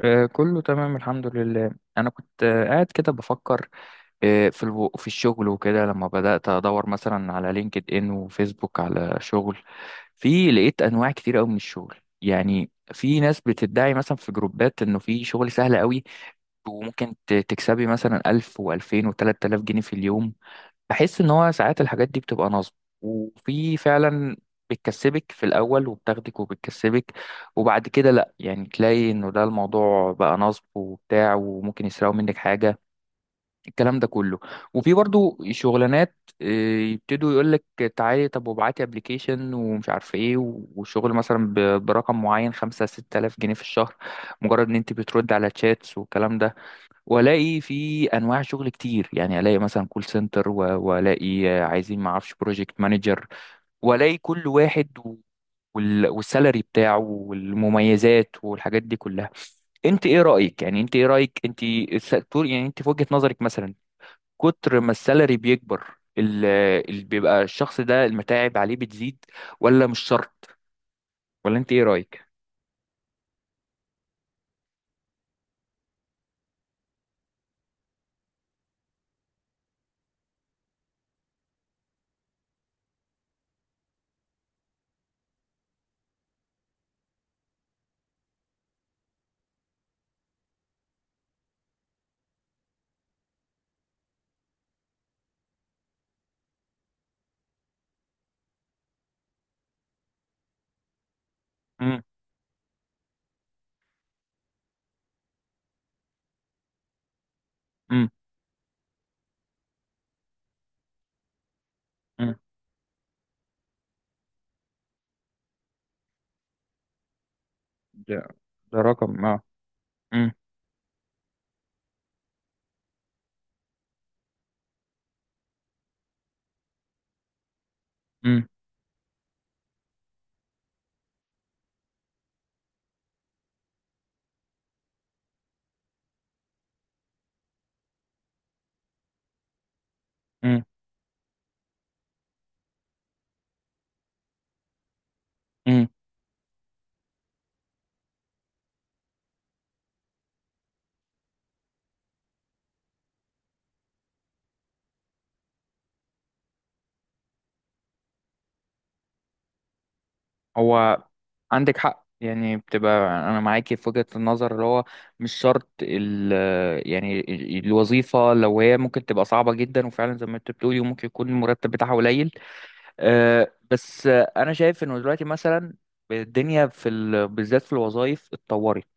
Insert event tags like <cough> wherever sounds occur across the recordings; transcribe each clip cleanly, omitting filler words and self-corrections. كله تمام، الحمد لله. انا كنت قاعد كده بفكر. في الشغل وكده، لما بدأت ادور مثلا على لينكد ان وفيسبوك على شغل. في، لقيت انواع كتير قوي من الشغل. يعني في ناس بتدعي مثلا في جروبات، انه في شغل سهل قوي، وممكن تكسبي مثلا 1000 و2000 و3000 جنيه في اليوم. بحس ان هو ساعات الحاجات دي بتبقى نصب، وفي فعلا، بتكسبك في الاول، وبتاخدك، وبتكسبك. وبعد كده، لا يعني، تلاقي انه ده الموضوع بقى نصب وبتاع، وممكن يسرقوا منك حاجة. الكلام ده كله. وفي برضو شغلانات. آه، يبتدوا يقولك: تعالي طب وابعتي ابلكيشن، ومش عارف ايه، وشغل مثلا برقم معين، خمسة ستة آلاف جنيه في الشهر، مجرد ان انت بترد على تشاتس والكلام ده. والاقي في انواع شغل كتير، يعني الاقي مثلا كول سنتر، والاقي عايزين ما اعرفش بروجكت مانجر، والاقي كل واحد والسالري بتاعه والمميزات والحاجات دي كلها. انت ايه رايك؟ يعني انت ايه رايك انت، يعني انت في وجهه نظرك مثلا، كتر ما السالري بيكبر، اللي بيبقى الشخص ده المتاعب عليه بتزيد، ولا مش شرط؟ ولا انت ايه رايك؟ امم. امم. امم. ده. ده رقم، اه. امم. امم. امم. امم. هو عندك حق، يعني بتبقى، انا معاكي في وجهة النظر، اللي هو مش شرط ال... يعني الوظيفة لو هي ممكن تبقى صعبة جدا، وفعلا زي ما انت بتقولي، وممكن يكون المرتب بتاعها قليل. بس انا شايف انه دلوقتي مثلا، الدنيا بالذات في الوظائف اتطورت.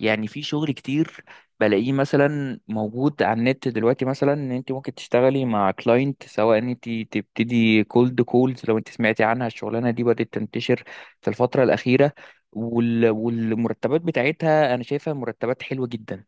يعني في شغل كتير بلاقيه مثلا موجود على النت دلوقتي، مثلا ان انت ممكن تشتغلي مع كلاينت، سواء ان انت تبتدي كولد كولز، لو انت سمعتي عنها. الشغلانه دي بدات تنتشر في الفتره الاخيره، والمرتبات بتاعتها انا شايفها مرتبات حلوه جدا.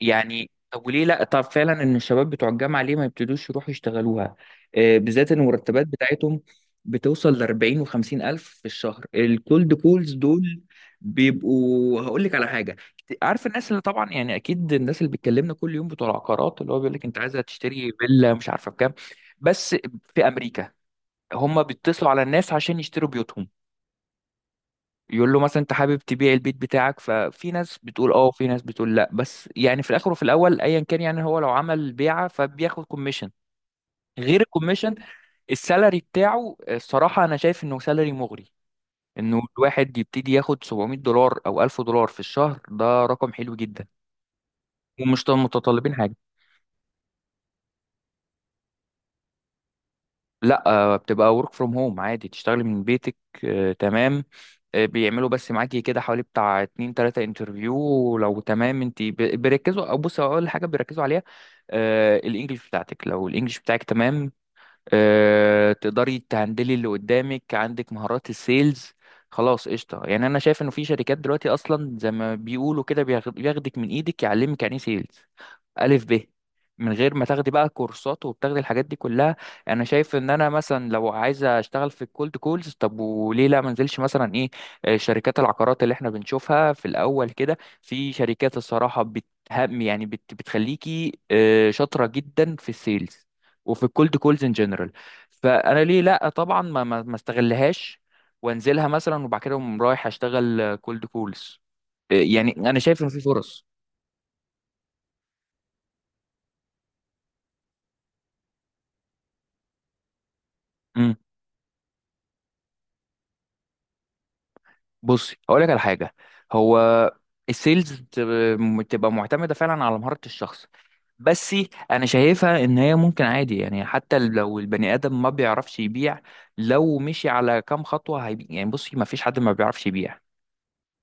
يعني طب وليه لا؟ طب فعلا، ان الشباب بتوع الجامعه ليه ما يبتدوش يروحوا يشتغلوها؟ بالذات ان المرتبات بتاعتهم بتوصل ل 40 و50 الف في الشهر، الكولد كولز دول بيبقوا. هقول لك على حاجه، عارف الناس اللي طبعا يعني، اكيد الناس اللي بتكلمنا كل يوم، بتوع العقارات، اللي هو بيقول لك انت عايزه تشتري فيلا مش عارفه بكام؟ بس في امريكا، هم بيتصلوا على الناس عشان يشتروا بيوتهم. يقول له مثلا: انت حابب تبيع البيت بتاعك؟ ففي ناس بتقول اه، وفي ناس بتقول لا، بس يعني في الاخر وفي الاول ايا كان، يعني هو لو عمل بيعه فبياخد كوميشن. غير الكوميشن، السالري بتاعه الصراحه انا شايف انه سالري مغري، انه الواحد يبتدي ياخد 700 دولار او 1000 دولار في الشهر، ده رقم حلو جدا، ومش متطلبين حاجه. لا، بتبقى ورك فروم هوم، عادي تشتغلي من بيتك. تمام. بيعملوا بس معاكي كده حوالي بتاع اتنين تلاتة انترفيو، ولو تمام انت بيركزوا، او بص اول حاجة بيركزوا عليها، الانجليش بتاعتك. لو الانجليش بتاعك تمام، تقدري تهندلي اللي قدامك، عندك مهارات السيلز، خلاص قشطة. يعني انا شايف انه في شركات دلوقتي اصلا، زي ما بيقولوا كده، بياخدك من ايدك، يعلمك يعني إيه سيلز، ألف ب، من غير ما تاخدي بقى كورسات وبتاخدي الحاجات دي كلها. انا شايف ان انا مثلا لو عايزه اشتغل في الكولد كولز، طب وليه لا منزلش مثلا ايه؟ شركات العقارات اللي احنا بنشوفها في الاول كده، في شركات الصراحه بتهم، يعني بتخليكي شاطره جدا في السيلز وفي الكولد كولز ان جنرال. فانا ليه لا، طبعا ما استغلهاش، وانزلها مثلا، وبعد كده أقوم رايح اشتغل كولد كولز. يعني انا شايف ان في فرص. بصي هقول لك على حاجه، هو السيلز بتبقى معتمده فعلا على مهاره الشخص، بس انا شايفها ان هي ممكن عادي، يعني حتى لو البني ادم ما بيعرفش يبيع، لو مشي على كام خطوه هيبيع. يعني بصي، ما فيش حد ما بيعرفش يبيع.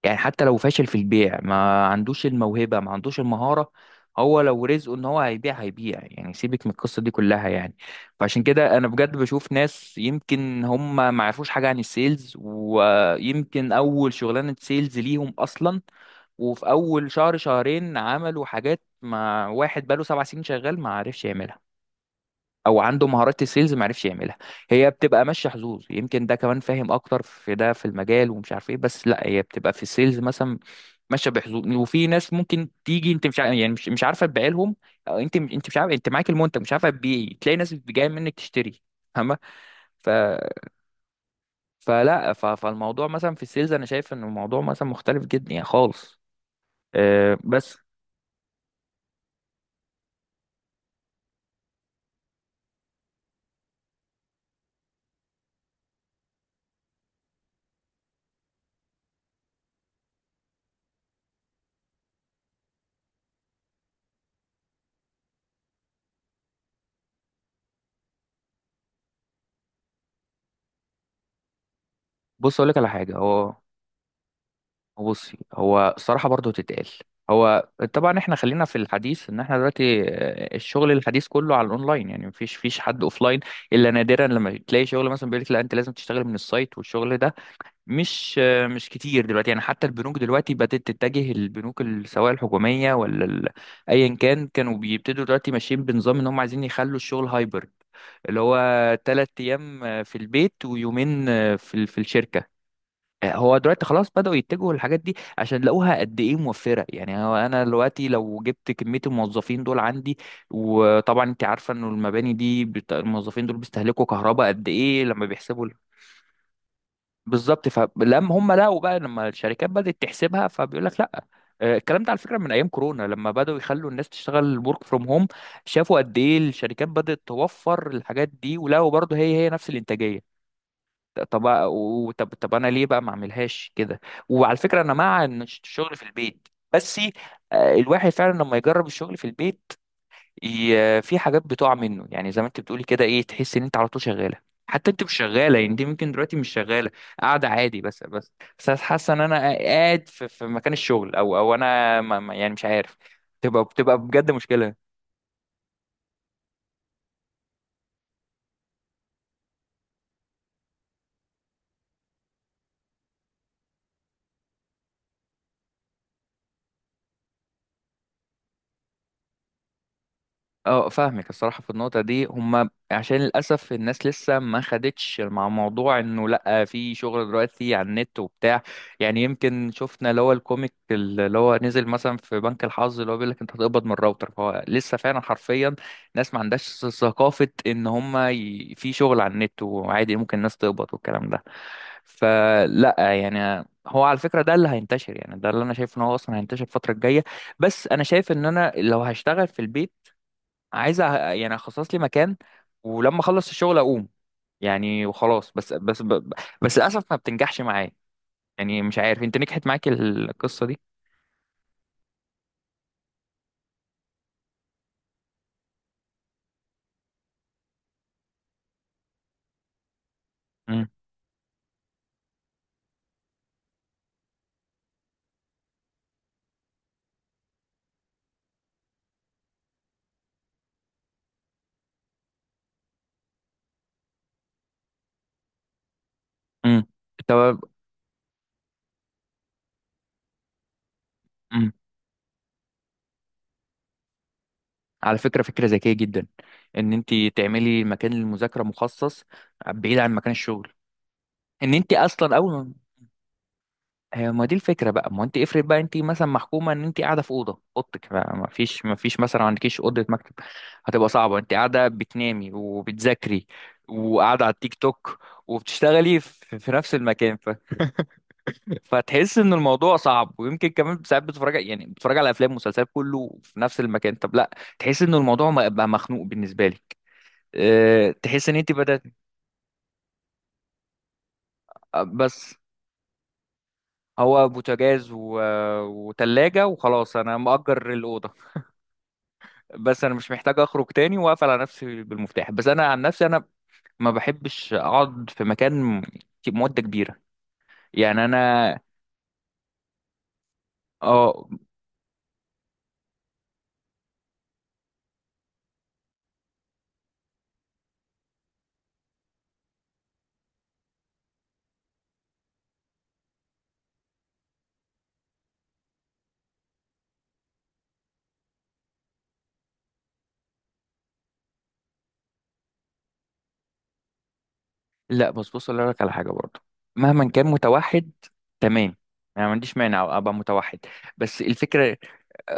يعني حتى لو فاشل في البيع، ما عندوش الموهبة، ما عندوش المهارة، هو لو رزقه ان هو هيبيع، هيبيع، يعني سيبك من القصة دي كلها يعني. فعشان كده انا بجد بشوف ناس، يمكن هم ما يعرفوش حاجة عن السيلز، ويمكن اول شغلانة سيلز ليهم اصلا، وفي اول شهر شهرين عملوا حاجات ما واحد بقاله 7 سنين شغال ما عرفش يعملها، او عنده مهارات السيلز ما عرفش يعملها. هي بتبقى ماشيه حظوظ، يمكن ده كمان فاهم اكتر في ده في المجال ومش عارف ايه، بس لا، هي بتبقى في السيلز مثلا ماشيه بحظوظ، وفي ناس ممكن تيجي انت مش عارف، يعني مش عارفه تبيع لهم. أو انت مش عارف، انت معاك المنتج مش عارفه تبيعي، تلاقي ناس جايه منك تشتري، فاهمه؟ ف... فلا، فالموضوع مثلا في السيلز، انا شايف ان الموضوع مثلا مختلف جدا يعني خالص. أه، بس بص اقول لك على حاجه. هو بصي، هو الصراحة برضو تتقال. هو طبعا احنا خلينا في الحديث، ان احنا دلوقتي الشغل الحديث كله على الاونلاين، يعني مفيش حد اوفلاين، الا نادرا لما تلاقي شغل مثلا بيقول لك: لا، انت لازم تشتغل من السايت. والشغل ده مش مش كتير دلوقتي، يعني حتى البنوك دلوقتي بدأت تتجه، البنوك سواء الحكومية ولا ايا كان، كانوا بيبتدوا دلوقتي ماشيين بنظام ان هم عايزين يخلوا الشغل هايبرد، اللي هو تلات ايام في البيت، ويومين في الشركة. هو دلوقتي خلاص بدأوا يتجهوا للحاجات دي، عشان لقوها قد ايه موفرة. يعني هو انا دلوقتي لو جبت كمية الموظفين دول عندي، وطبعا انت عارفة انه المباني دي الموظفين دول بيستهلكوا كهرباء قد ايه، لما بيحسبوا بالظبط، فلما هم لقوا بقى، لما الشركات بدأت تحسبها، فبيقول لك لا. الكلام ده على فكرة من ايام كورونا، لما بدأوا يخلوا الناس تشتغل ورك فروم هوم، شافوا قد ايه الشركات بدأت توفر الحاجات دي، ولقوا برضه هي نفس الانتاجية. طب انا ليه بقى ما اعملهاش كده؟ وعلى فكره، انا مع ان الشغل في البيت، بس الواحد فعلا لما يجرب الشغل في البيت، في حاجات بتقع منه، يعني زي ما انت بتقولي كده، ايه، تحس ان انت على طول شغاله، حتى انت مش شغاله. يعني انت ممكن دلوقتي مش شغاله، قاعده عادي، بس حاسه ان انا قاعد في مكان الشغل، او انا يعني مش عارف. بتبقى بجد مشكله. اه فاهمك الصراحة في النقطة دي. هما عشان للأسف الناس لسه ما خدتش مع موضوع انه لأ، في شغل دلوقتي على النت وبتاع. يعني يمكن شفنا اللي هو الكوميك اللي هو نزل مثلا في بنك الحظ، اللي هو بيقول لك انت هتقبض من الراوتر. فهو لسه فعلا حرفيا، ناس ما عندهاش ثقافة ان هما في شغل على النت وعادي ممكن الناس تقبض والكلام ده. فلا يعني، هو على فكرة ده اللي هينتشر، يعني ده اللي انا شايف ان هو اصلا هينتشر الفترة الجاية. بس انا شايف ان انا لو هشتغل في البيت، عايز يعني اخصص لي مكان، ولما اخلص الشغل اقوم، يعني وخلاص، بس بس للاسف ما بتنجحش معايا. يعني مش عارف، انت نجحت معاك القصه دي؟ امم. امم. طب. امم. على فكره، فكره ذكيه جدا، ان انت تعملي مكان للمذاكره مخصص، بعيد عن مكان الشغل. ان انت اصلا اول، هي ما دي الفكره بقى. ما انت افرض بقى انت مثلا محكومه، ان انت قاعده في اوضه، اوضتك بقى ما فيش مثلا عندكيش اوضه مكتب، هتبقى صعبه. انت قاعده بتنامي وبتذاكري، وقاعده على التيك توك، وبتشتغلي في نفس المكان فتحس ان الموضوع صعب، ويمكن كمان ساعات بتتفرج، يعني بتتفرج على افلام ومسلسلات، كله في نفس المكان. طب لا، تحس ان الموضوع بقى مخنوق بالنسبه لك. تحس ان انت بدأت، بس هو بوتاجاز وتلاجة، وخلاص انا مأجر الأوضة، بس انا مش محتاج اخرج تاني واقفل على نفسي بالمفتاح. بس انا عن نفسي، انا ما بحبش اقعد في مكان مده كبيره. يعني انا، اه، لا، بص اقول لك على حاجه برضو، مهما كان متوحد، تمام، انا ما عنديش مانع ابقى متوحد، بس الفكره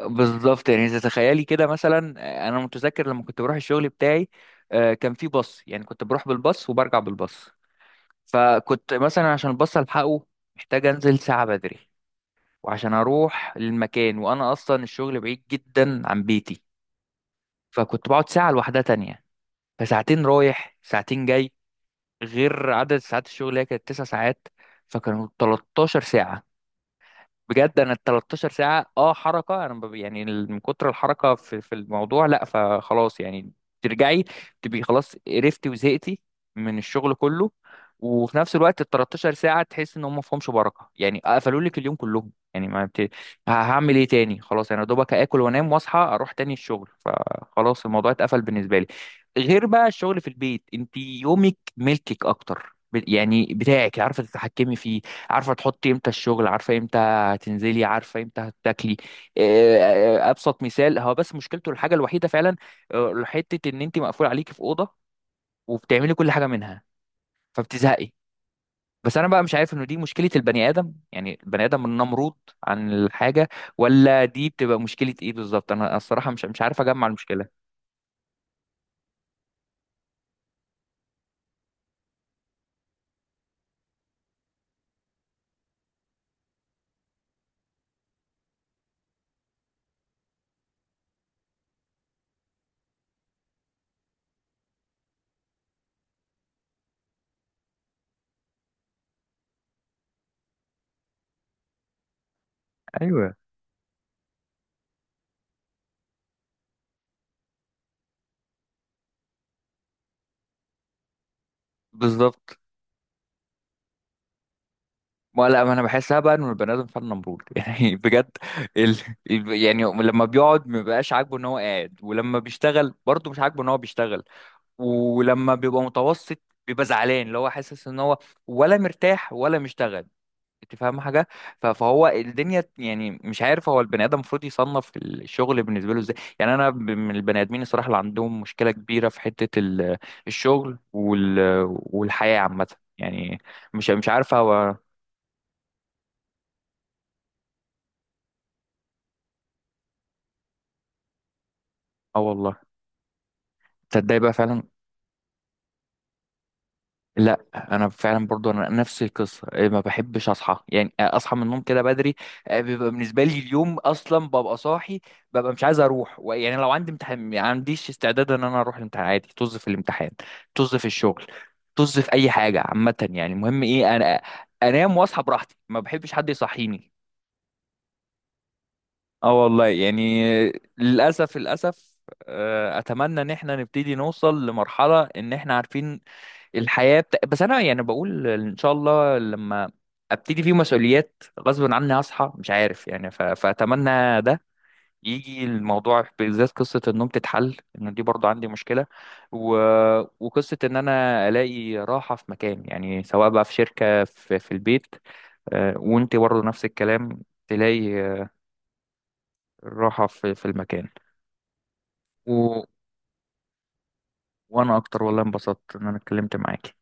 بالظبط، يعني اذا تخيلي كده مثلا. انا متذكر لما كنت بروح الشغل بتاعي، كان في باص، يعني كنت بروح بالباص وبرجع بالباص. فكنت مثلا عشان الباص الحقه، محتاج انزل ساعه بدري، وعشان اروح للمكان، وانا اصلا الشغل بعيد جدا عن بيتي، فكنت بقعد ساعة لوحدها تانية. فساعتين رايح، ساعتين جاي، غير عدد ساعات الشغل اللي هي كانت 9 ساعات، فكانوا 13 ساعة. بجد انا ال 13 ساعه، اه حركه، انا يعني من كتر الحركه في الموضوع، لا، فخلاص يعني، ترجعي تبقي خلاص قرفتي وزهقتي من الشغل كله. وفي نفس الوقت ال 13 ساعه تحس ان هم ما فيهمش بركه، يعني قفلوا لك اليوم كلهم، يعني ما بت... ه- هعمل ايه تاني؟ خلاص انا دوبك اكل وانام واصحى اروح تاني الشغل، فخلاص الموضوع اتقفل بالنسبه لي. غير بقى الشغل في البيت، انت يومك ملكك اكتر، يعني بتاعك، عارفه تتحكمي فيه، عارفه تحطي امتى الشغل، عارفه هتنزلي، عارفه امتى هتاكلي. آه، ابسط مثال، هو بس مشكلته الحاجه الوحيده فعلا، حته ان انت مقفول عليكي في اوضه، وبتعملي كل حاجه منها، فبتزهقي. بس انا بقى مش عارف انه دي مشكله البني ادم، يعني البني ادم النمرود عن الحاجه، ولا دي بتبقى مشكله ايه بالظبط؟ انا الصراحه مش عارف اجمع المشكله. ايوه بالظبط. ما لا، ما انا بحسها بقى انه البني ادم فعلا نمرود <laughs> يعني بجد. ال... يعني لما بيقعد ما بيبقاش عاجبه ان هو قاعد، ولما بيشتغل برضه مش عاجبه ان هو بيشتغل، ولما بيبقى متوسط بيبقى زعلان، اللي هو حاسس ان هو ولا مرتاح ولا مشتغل. انت فاهم حاجه؟ فهو الدنيا يعني مش عارف، هو البني ادم المفروض يصنف الشغل بالنسبه له ازاي؟ يعني انا من البني ادمين الصراحه اللي عندهم مشكله كبيره في حته الشغل والحياه عامه. يعني مش عارف هو، اه والله. تصدق بقى فعلا، لا انا فعلا برضو، انا نفس القصه، إيه، ما بحبش اصحى، يعني اصحى من النوم كده بدري. بيبقى بالنسبه لي اليوم اصلا، ببقى صاحي، ببقى مش عايز اروح يعني، لو عندي امتحان ما عنديش استعداد ان انا اروح الامتحان، عادي طز في الامتحان، طز في الشغل، طز في اي حاجه عامه. يعني المهم ايه، انا انام واصحى براحتي، ما بحبش حد يصحيني. اه والله يعني. للاسف، للاسف. اتمنى ان احنا نبتدي نوصل لمرحله، ان احنا عارفين الحياة بس أنا يعني بقول إن شاء الله لما أبتدي فيه مسؤوليات غصب عني هصحى، مش عارف يعني، فأتمنى ده يجي الموضوع، بالذات قصة النوم تتحل، إن دي برضو عندي مشكلة، و... وقصة إن أنا ألاقي راحة في مكان، يعني سواء بقى في شركة، في البيت، وأنت برضو نفس الكلام، تلاقي راحة في المكان، و... وأنا أكتر والله، انبسطت إن أنا اتكلمت معاكي.